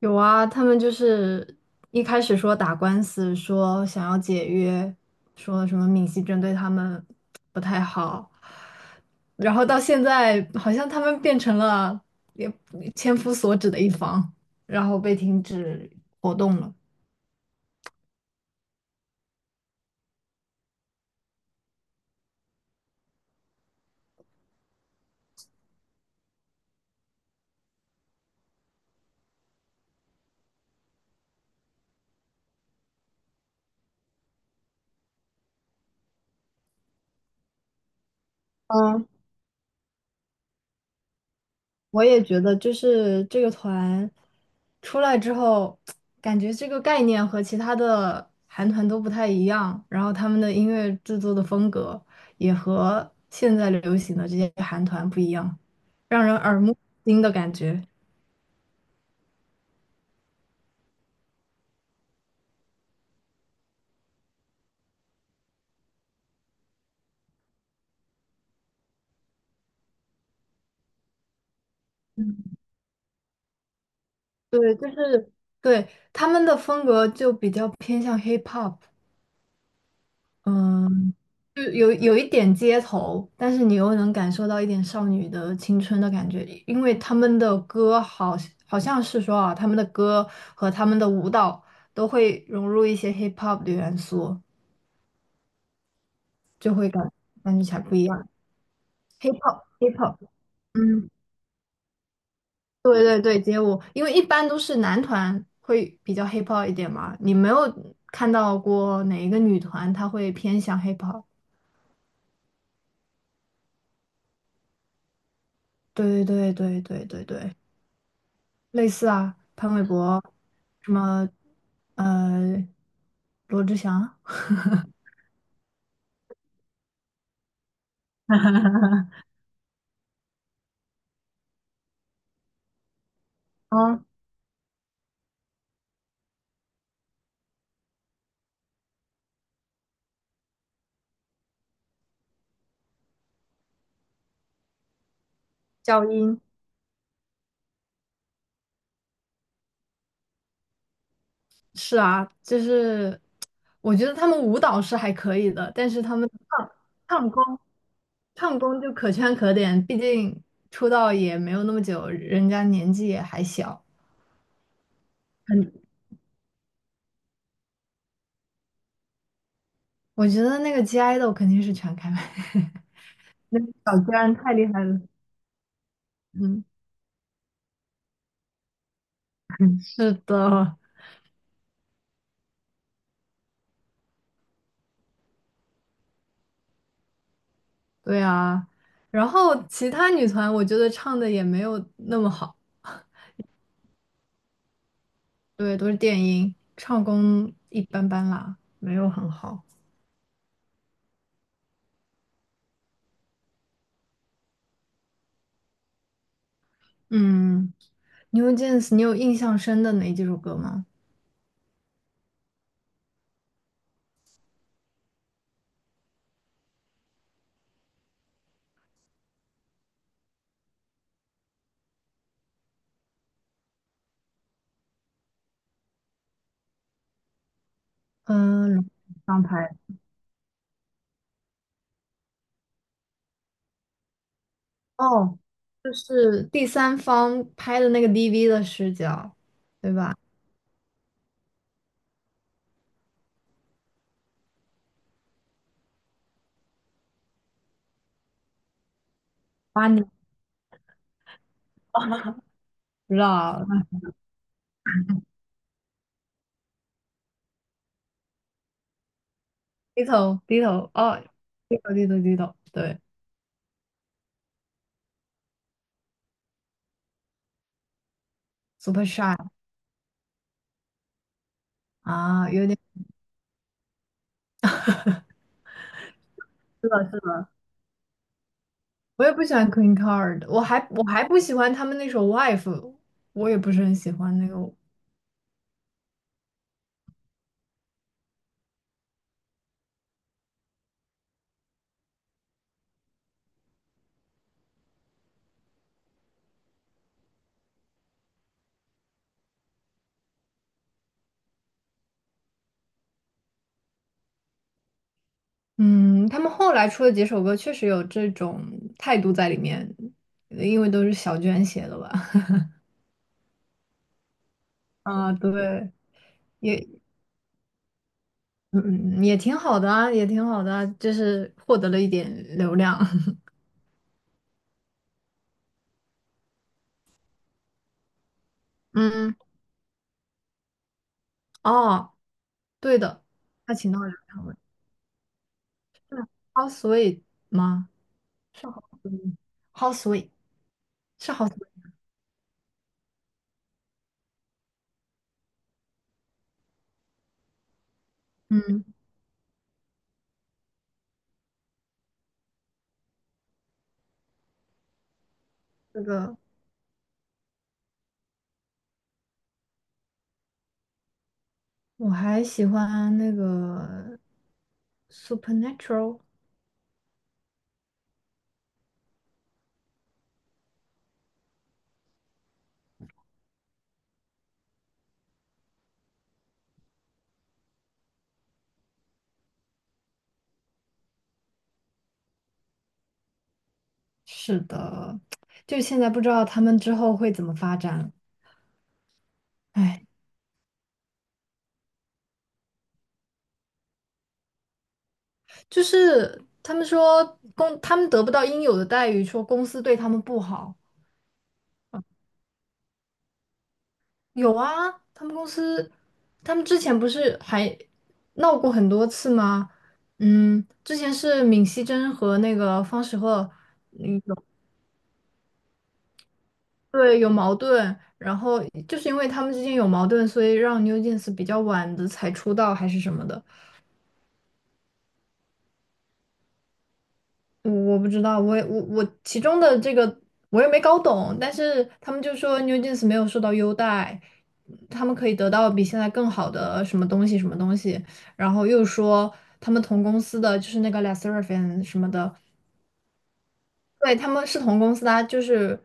有啊，他们就是一开始说打官司，说想要解约，说什么闵熙珍对他们不太好，然后到现在好像他们变成了也千夫所指的一方，然后被停止活动了。嗯。我也觉得，就是这个团出来之后，感觉这个概念和其他的韩团都不太一样，然后他们的音乐制作的风格也和现在流行的这些韩团不一样，让人耳目一新的感觉。对，就是对他们的风格就比较偏向 hip hop,嗯。就有一点街头，但是你又能感受到一点少女的青春的感觉，因为他们的歌好好像是说啊，他们的歌和他们的舞蹈都会融入一些 hip hop 的元素，就会感觉起来不一样。hip hop hip hop,嗯，对对对，街舞，因为一般都是男团会比较 hip hop 一点嘛，你没有看到过哪一个女团她会偏向 hip hop?对对对对对对对。类似啊，潘玮柏，什么呃，罗志祥，嗯，赵英，是啊，就是我觉得他们舞蹈是还可以的，但是他们唱唱功就可圈可点，毕竟出道也没有那么久，人家年纪也还小，很，我觉得那个 G idol 肯定是全开麦，那个小娟太厉害了。嗯，是的，对啊，然后其他女团我觉得唱的也没有那么好，对，都是电音，唱功一般般啦，没有很好。嗯，New Jeans,你有印象深的哪几首歌吗？嗯，龙刚拍哦，就是第三方拍的那个 DV 的视角，对吧？把巴尼，不知道，低头哦，低头，对，Super Shy 啊，有点是的，我也不喜欢 Queen Card,我还不喜欢他们那首 Wife,我也不是很喜欢那个。嗯，他们后来出的几首歌确实有这种态度在里面，因为都是小娟写的吧？啊，对，也嗯也挺好的啊，也挺好的啊，就是获得了一点流量。嗯，哦，对的，他请到了梁朝伟，How sweet 吗？是 How sweet，How sweet 是 How sweet,嗯，这个。我还喜欢那个 Supernatural,是的，就现在不知道他们之后会怎么发展。哎，就是他们说他们得不到应有的待遇，说公司对他们不好。有啊，他们公司他们之前不是还闹过很多次吗？嗯，之前是闵熙珍和那个方时赫。那个。对，有矛盾，然后就是因为他们之间有矛盾，所以让 New Jeans 比较晚的才出道还是什么的，我不知道，我也我其中的这个我也没搞懂，但是他们就说 New Jeans 没有受到优待，他们可以得到比现在更好的什么东西什么东西，然后又说他们同公司的就是那个 l a s s e r a f i n 什么的，对，他们是同公司的啊就是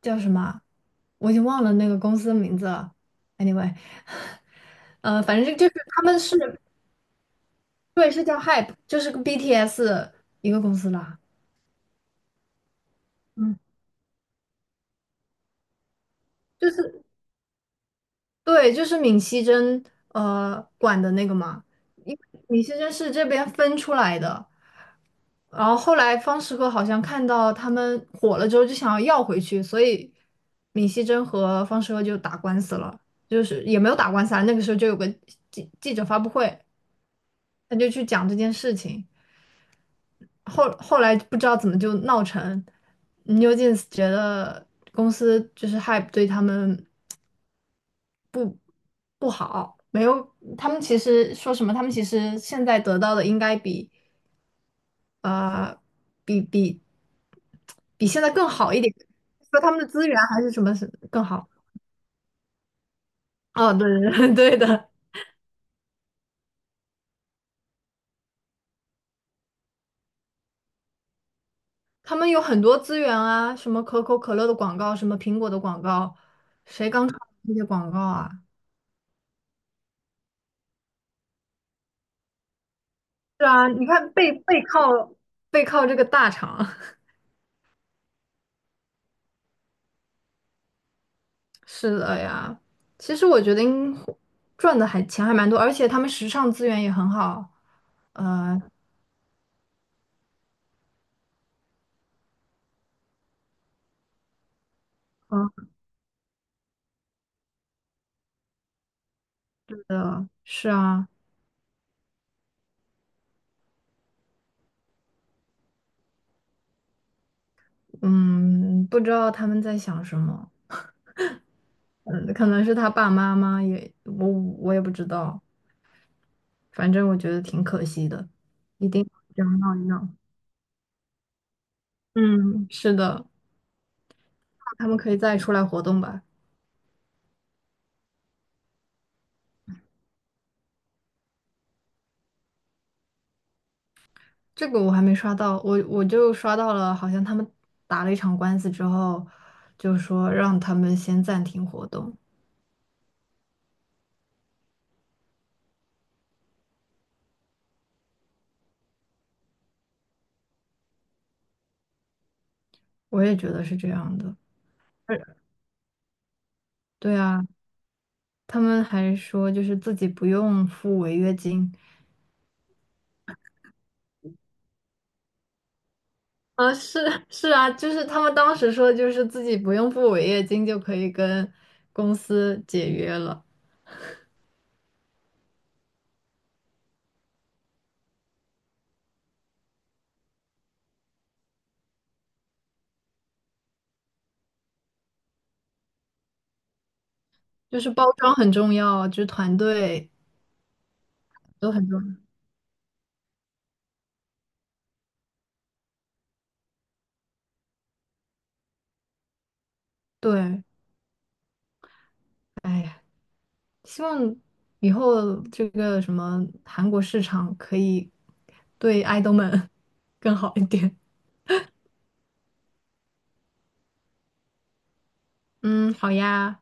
叫什么啊我已经忘了那个公司的名字了。Anyway,反正就是他们是对，是叫 Hype,就是跟 BTS 一个公司啦。嗯，就是对，就是闵熙珍管的那个嘛，因为闵熙珍是这边分出来的，然后后来方时和好像看到他们火了之后就想要要回去，所以闵熙珍和方时和就打官司了，就是也没有打官司啊，那个时候就有个记者发布会，他就去讲这件事情，后后来不知道怎么就闹成，New Jeans 觉得公司就是 Hype 对他们。不好，没有，他们其实说什么？他们其实现在得到的应该比呃比比比现在更好一点，说他们的资源还是什么是更好？哦，对对 对对的，他们有很多资源啊，什么可口可乐的广告，什么苹果的广告，谁刚出那些广告啊？是啊，你看背背靠这个大厂，是的呀。其实我觉得赚的还钱还蛮多，而且他们时尚资源也很好。呃，嗯，的，是啊，嗯，不知道他们在想什么，嗯，可能是他爸妈也，我也不知道，反正我觉得挺可惜的，一定要这样闹一闹。嗯，是的，他们可以再出来活动吧。这个我还没刷到，我就刷到了，好像他们打了一场官司之后，就说让他们先暂停活动，我也觉得是这样的。对啊，他们还说就是自己不用付违约金，啊，是是啊，就是他们当时说，就是自己不用付违约金就可以跟公司解约了，就是包装很重要，就是团队都很重要。对，哎呀，希望以后这个什么韩国市场可以对爱豆们 更好一点。嗯，好呀。